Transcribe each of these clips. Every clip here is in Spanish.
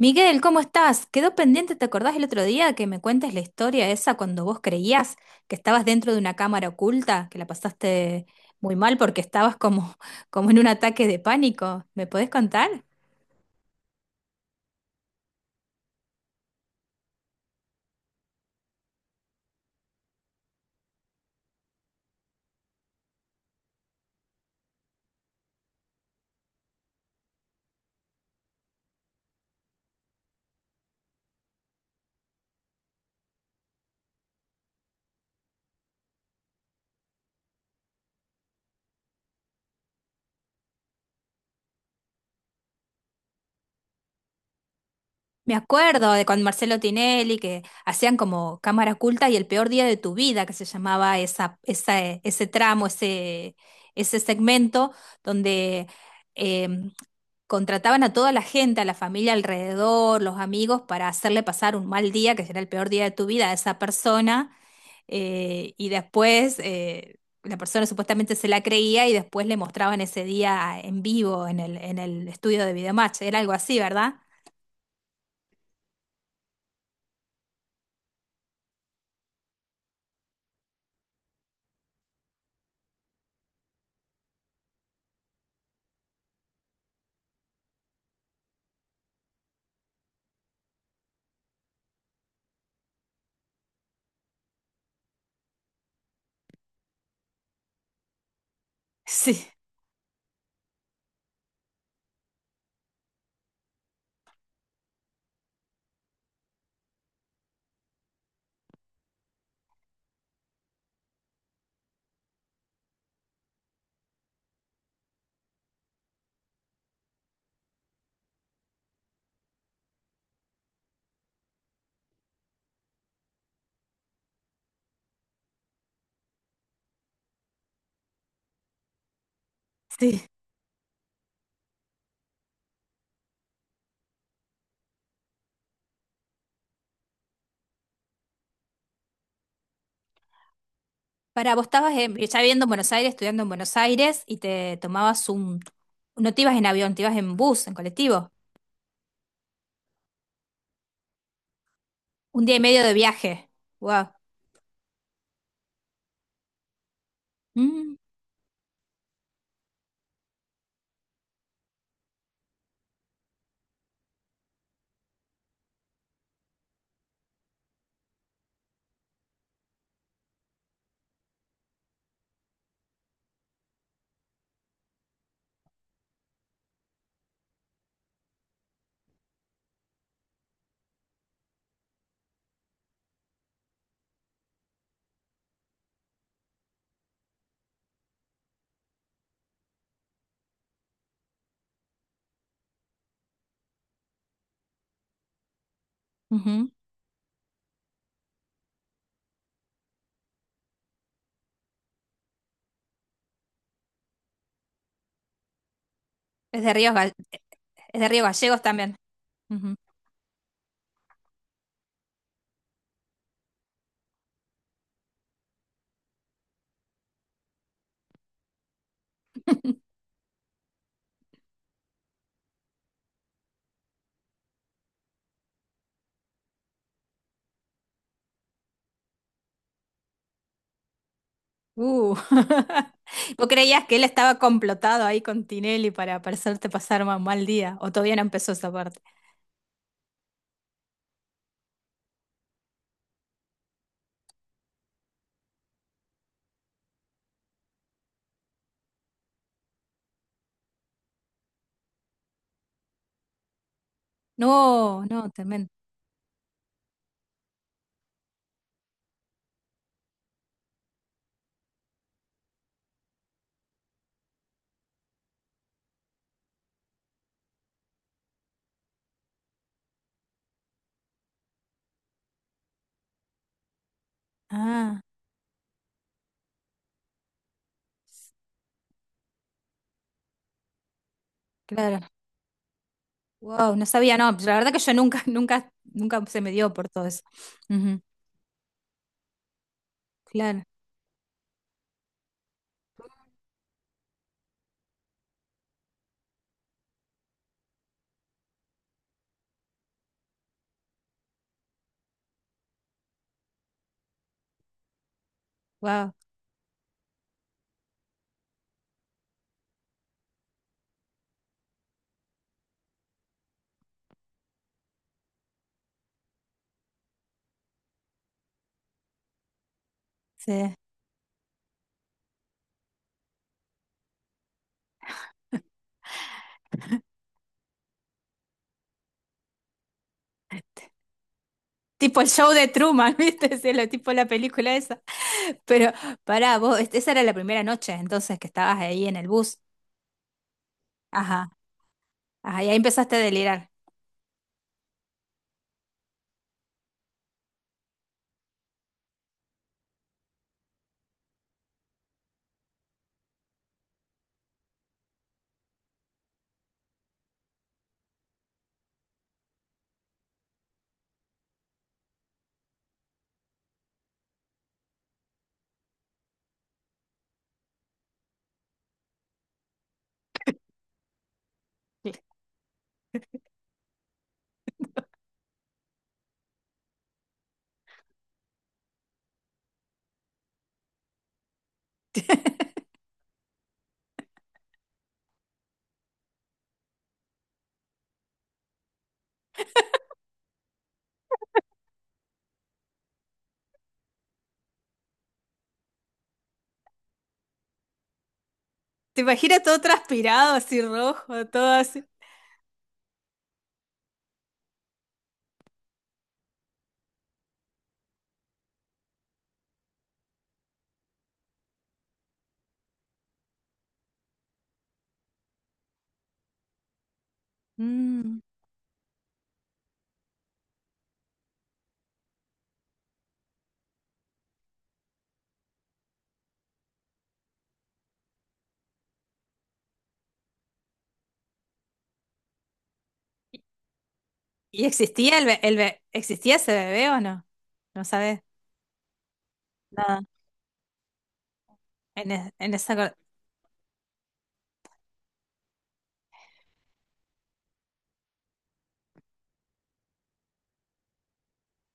Miguel, ¿cómo estás? Quedó pendiente, ¿te acordás el otro día que me cuentes la historia esa cuando vos creías que estabas dentro de una cámara oculta, que la pasaste muy mal porque estabas como, como en un ataque de pánico? ¿Me podés contar? Me acuerdo de con Marcelo Tinelli que hacían como cámara oculta y el peor día de tu vida, que se llamaba ese tramo, ese segmento donde em, contrataban a toda la gente, a la familia alrededor, los amigos, para hacerle pasar un mal día, que será el peor día de tu vida, a esa persona, y después la persona supuestamente se la creía y después le mostraban ese día ah, en vivo en el estudio de Videomatch. Era algo así, ¿verdad? Sí, sí. Para vos estabas en- ya viviendo en Buenos Aires, estudiando en Buenos Aires y te tomabas un... No te ibas en avión, te ibas en bus, en colectivo. Un día y medio de viaje. Wow. Es de Ríos, Ga- es de Río Gallegos también. Ujú. Uh. ¿Vos creías que él estaba complotado ahí con Tinelli para hacerte pasar un mal día? ¿O todavía no empezó esa parte? No, no, tremendo. Ah, claro. Wow, no sabía, no. La verdad que yo nunca, nunca, nunca se me dio por todo eso. Ujú. Claro, wow. Sí. Tipo el show de Truman, ¿viste? Sí, lo, tipo la película esa. Pero pará, vos, es- esa era la primera noche entonces que estabas ahí en el bus. Ajá, ajá, y ahí empezaste a delirar. ¿Te imaginas todo transpirado, así rojo, todo así? Mm. ¿Y existía el be- existía ese bebé o no? No sabes nada. En, es- en esa... co-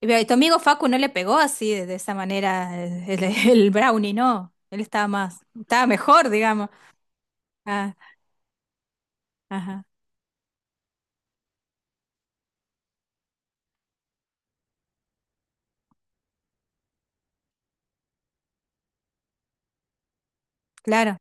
Y ve- tu amigo Facu no le pegó así, de esa manera, el brownie, no. Él estaba más, estaba mejor, digamos. Ah, ajá, claro.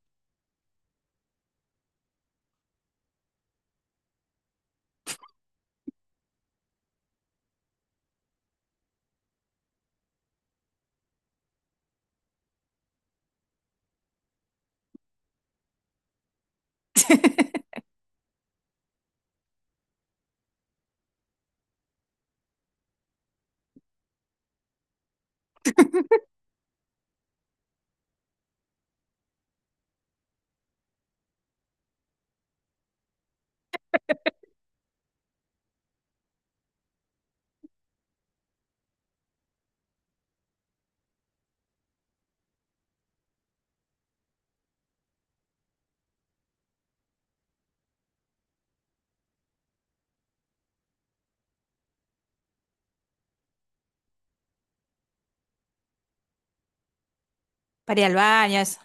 Para ir al baño, eso.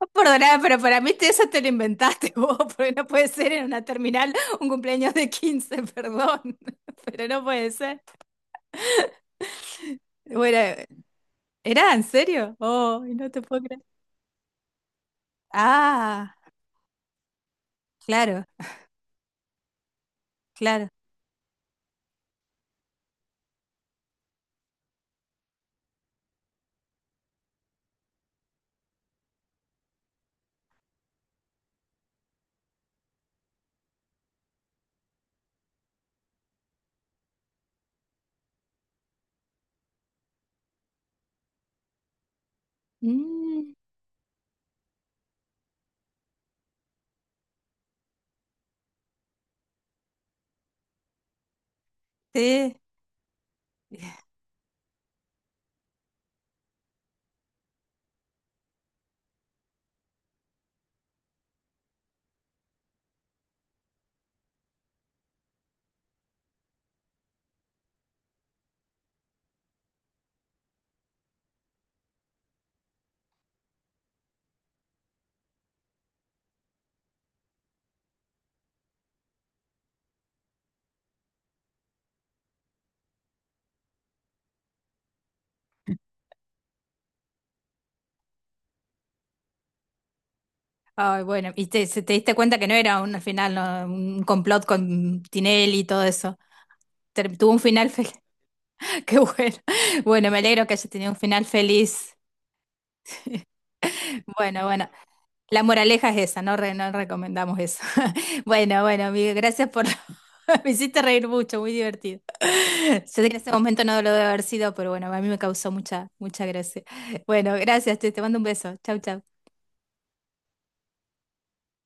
No perdonaba, pero para mí te- eso te lo inventaste vos, porque no puede ser en una terminal un cumpleaños de 15. Perdón. Pero no puede ser. Bueno, ¿era en serio? Oh, no te puedo creer. Ah, claro, claro. Mm, sí. Ay, bueno, y te, se- te diste cuenta que no era un al final, no, un complot con Tinelli y todo eso. Ter- tuvo un final feliz. Qué bueno. Bueno, me alegro que hayas tenido un final feliz. Bueno, bueno. La moraleja es esa, no, re- no recomendamos eso. Bueno, bueno, amigo, gracias por... Me hiciste reír mucho, muy divertido. Yo sé que en ese momento no lo debe haber sido, pero bueno, a mí me causó mucha, mucha gracia. Bueno, gracias, te mando un beso. Chau, chau.